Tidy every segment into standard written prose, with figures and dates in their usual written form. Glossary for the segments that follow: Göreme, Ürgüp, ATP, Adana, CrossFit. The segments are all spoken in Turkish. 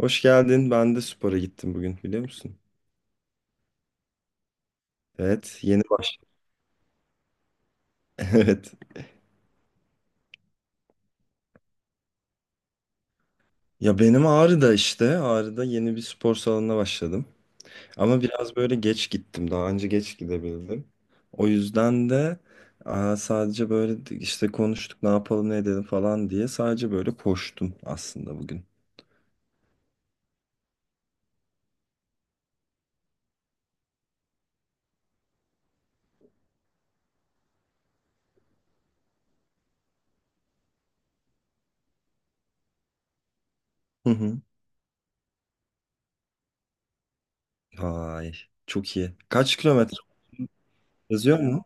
Hoş geldin. Ben de spora gittim bugün biliyor musun? Evet, yeni baş. Evet. Ya benim Ağrı'da işte. Ağrı'da yeni bir spor salonuna başladım. Ama biraz böyle geç gittim. Daha önce geç gidebildim. O yüzden de sadece böyle işte konuştuk, ne yapalım ne edelim falan diye sadece böyle koştum aslında bugün. Hı hı. Vay, çok iyi. Kaç kilometre yazıyor mu?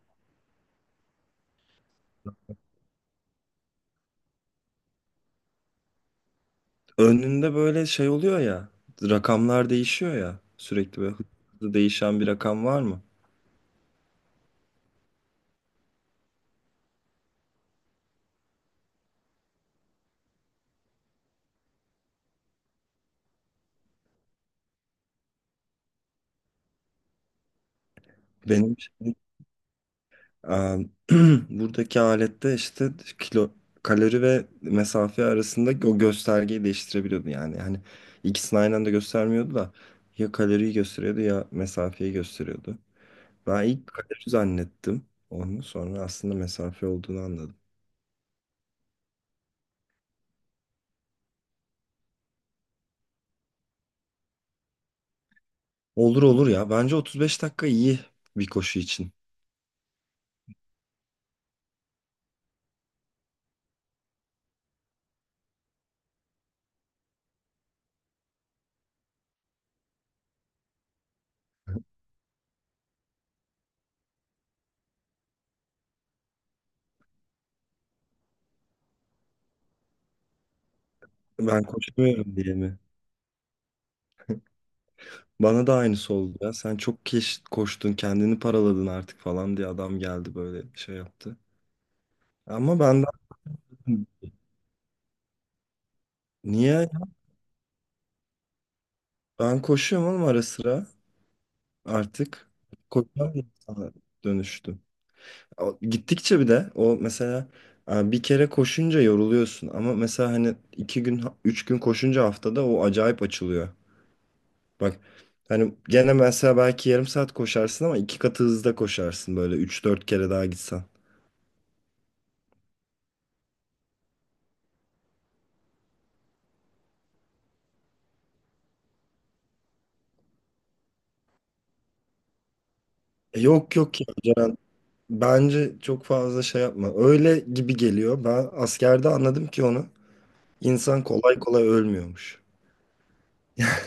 Önünde böyle şey oluyor ya. Rakamlar değişiyor ya. Sürekli böyle hızlı değişen bir rakam var mı? Benim şey, em, buradaki alette işte kilo, kalori ve mesafe arasında o göstergeyi değiştirebiliyordu yani. Hani ikisini aynı anda göstermiyordu da ya kaloriyi gösteriyordu ya mesafeyi gösteriyordu. Ben ilk kalori zannettim onu, sonra aslında mesafe olduğunu anladım. Olur olur ya, bence 35 dakika iyi bir koşu için. Ben koşmuyorum diye mi? Bana da aynısı oldu ya. Sen çok koştun, kendini paraladın artık falan diye adam geldi böyle şey yaptı. Ama ben. Niye? Ben koşuyorum oğlum ara sıra artık. Koşan bir insana dönüştüm. Gittikçe bir de o mesela bir kere koşunca yoruluyorsun ama mesela hani iki gün üç gün koşunca haftada o acayip açılıyor. Bak, hani gene mesela belki yarım saat koşarsın ama iki katı hızda koşarsın böyle üç dört kere daha gitsen. Yok yok ya Ceren. Bence çok fazla şey yapma. Öyle gibi geliyor. Ben askerde anladım ki onu. İnsan kolay kolay ölmüyormuş.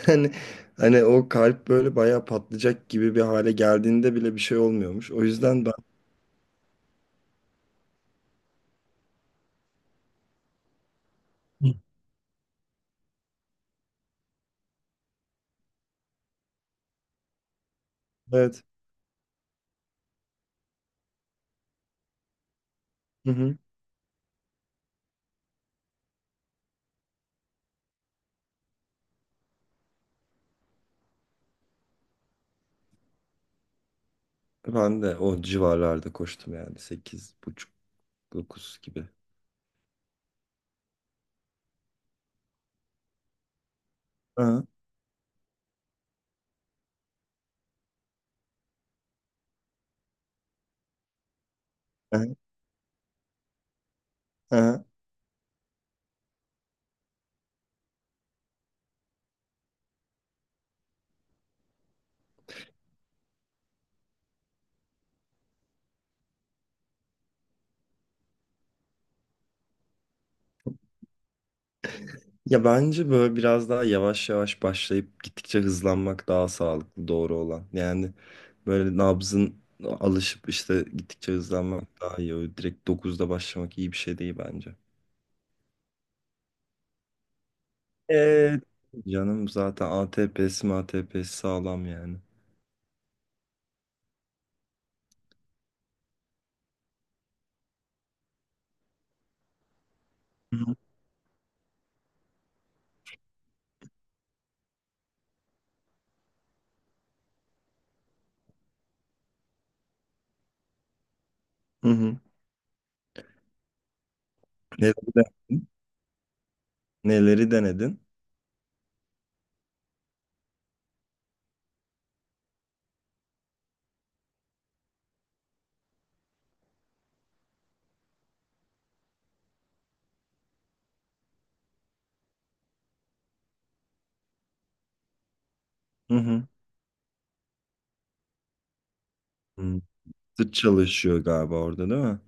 Hani, hani o kalp böyle bayağı patlayacak gibi bir hale geldiğinde bile bir şey olmuyormuş. O yüzden ben. Hı. Evet. Hı hı. Ben de o civarlarda koştum yani 8 buçuk, 9 gibi. Aha, aha, aha. Ya bence böyle biraz daha yavaş yavaş başlayıp gittikçe hızlanmak daha sağlıklı, doğru olan. Yani böyle nabzın alışıp işte gittikçe hızlanmak daha iyi. Öyle direkt dokuzda başlamak iyi bir şey değil bence. Ee, Canım zaten ATP'si sağlam yani. Hı hı. Hı hı. Neleri denedin? Neleri denedin? Hı hı. Hı. Sırt çalışıyor galiba orada değil mi?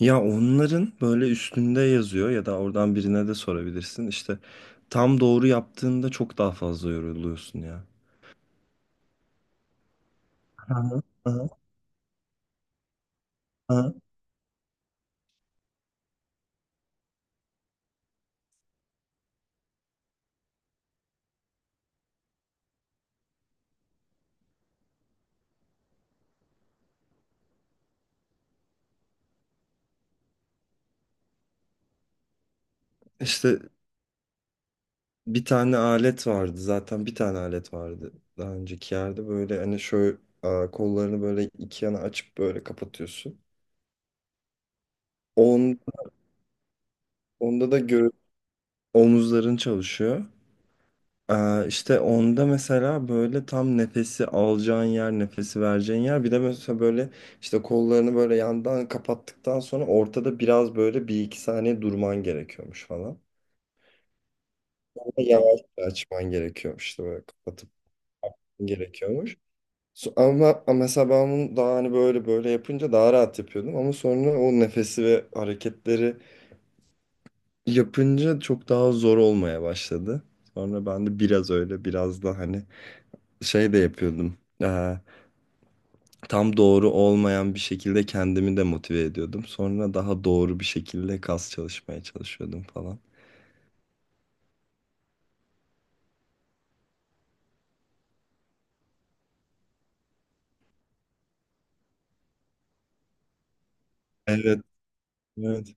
Ya onların böyle üstünde yazıyor ya da oradan birine de sorabilirsin. İşte tam doğru yaptığında çok daha fazla yoruluyorsun ya. Aha, aha, aha. İşte bir tane alet vardı daha önceki yerde böyle hani şöyle kollarını böyle iki yana açıp böyle kapatıyorsun. On, onda da omuzların çalışıyor. İşte onda mesela böyle tam nefesi alacağın yer, nefesi vereceğin yer. Bir de mesela böyle işte kollarını böyle yandan kapattıktan sonra ortada biraz böyle bir iki saniye durman gerekiyormuş falan. Ama yavaş açman gerekiyormuş, işte böyle kapatıp gerekiyormuş. Ama mesela ben bunu daha hani böyle böyle yapınca daha rahat yapıyordum. Ama sonra o nefesi ve hareketleri yapınca çok daha zor olmaya başladı. Sonra ben de biraz öyle, biraz da hani şey de yapıyordum. Tam doğru olmayan bir şekilde kendimi de motive ediyordum. Sonra daha doğru bir şekilde kas çalışmaya çalışıyordum falan. Evet, evet.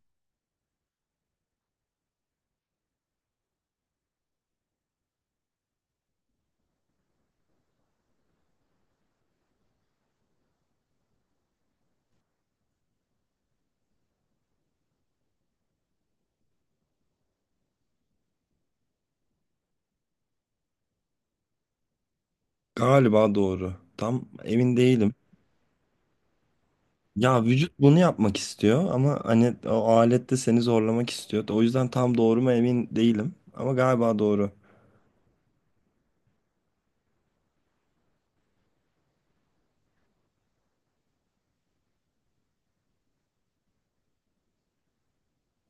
Galiba doğru. Tam emin değilim. Ya vücut bunu yapmak istiyor ama hani o alet de seni zorlamak istiyor. O yüzden tam doğru mu emin değilim. Ama galiba doğru.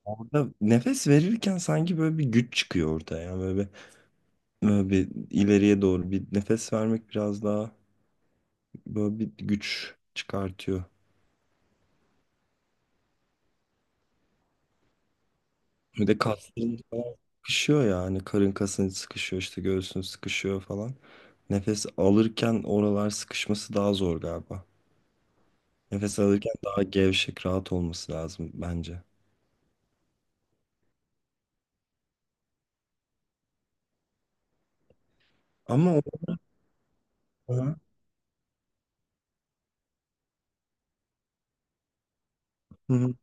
Burada nefes verirken sanki böyle bir güç çıkıyor ortaya. Yani böyle. Böyle bir ileriye doğru bir nefes vermek biraz daha böyle bir güç çıkartıyor. Bir de kasların falan sıkışıyor yani, karın kasın sıkışıyor işte, göğsün sıkışıyor falan. Nefes alırken oralar sıkışması daha zor galiba. Nefes alırken daha gevşek, rahat olması lazım bence. Ama o. Aha. Hı hı.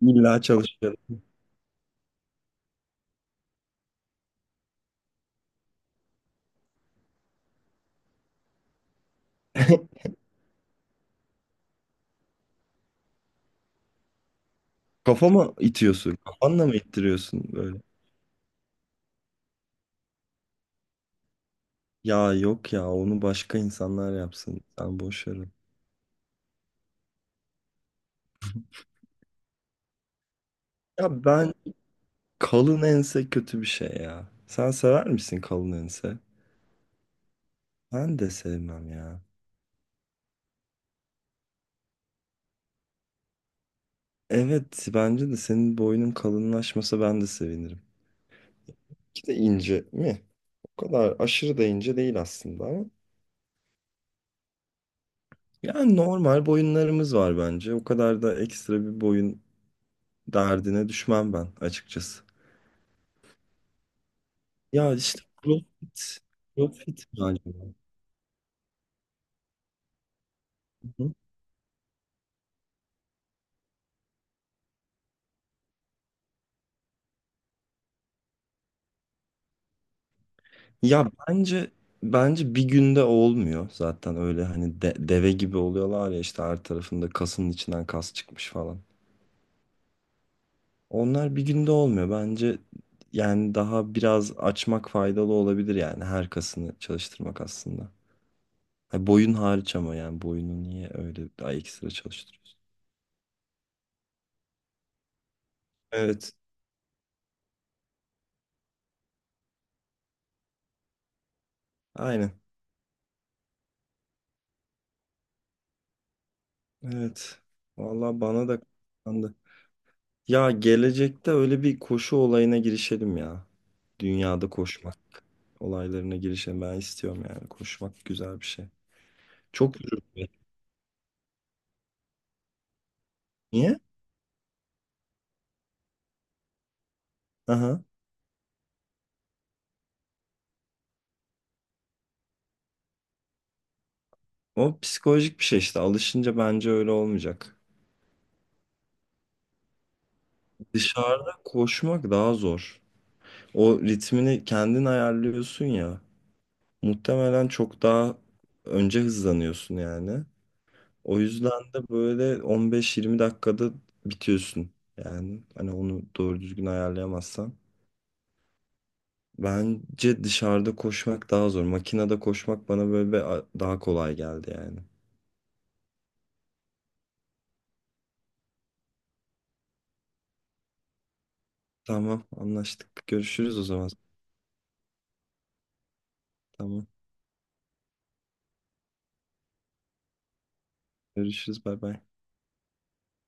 illa çalışıyor. Kafama itiyorsun. Kafanla mı ittiriyorsun böyle? Ya yok ya, onu başka insanlar yapsın. Sen boş ver onu. Ya ben. Kalın ense kötü bir şey ya. Sen sever misin kalın ense? Ben de sevmem ya. Evet, bence de senin boynun kalınlaşmasa ben de sevinirim. Ki de ince mi? O kadar aşırı da ince değil aslında ama. Yani normal boyunlarımız var bence. O kadar da ekstra bir boyun derdine düşmem ben açıkçası. Ya işte CrossFit. CrossFit mi acaba? Ya bence bir günde olmuyor zaten öyle, hani deve gibi oluyorlar ya, işte her tarafında kasın içinden kas çıkmış falan. Onlar bir günde olmuyor bence, yani daha biraz açmak faydalı olabilir yani her kasını çalıştırmak aslında. Ha, boyun hariç ama, yani boyunu niye öyle daha ekstra çalıştırıyorsun? Evet. Aynen. Evet. Vallahi bana da. Ya gelecekte öyle bir koşu olayına girişelim ya. Dünyada koşmak olaylarına girişelim. Ben istiyorum yani. Koşmak güzel bir şey. Çok yorucu. Niye? Aha. O psikolojik bir şey işte. Alışınca bence öyle olmayacak. Dışarıda koşmak daha zor. O ritmini kendin ayarlıyorsun ya. Muhtemelen çok daha önce hızlanıyorsun yani. O yüzden de böyle 15-20 dakikada bitiyorsun. Yani hani onu doğru düzgün ayarlayamazsan. Bence dışarıda koşmak daha zor. Makinede koşmak bana böyle daha kolay geldi yani. Tamam, anlaştık. Görüşürüz o zaman. Tamam. Görüşürüz. Bay bay.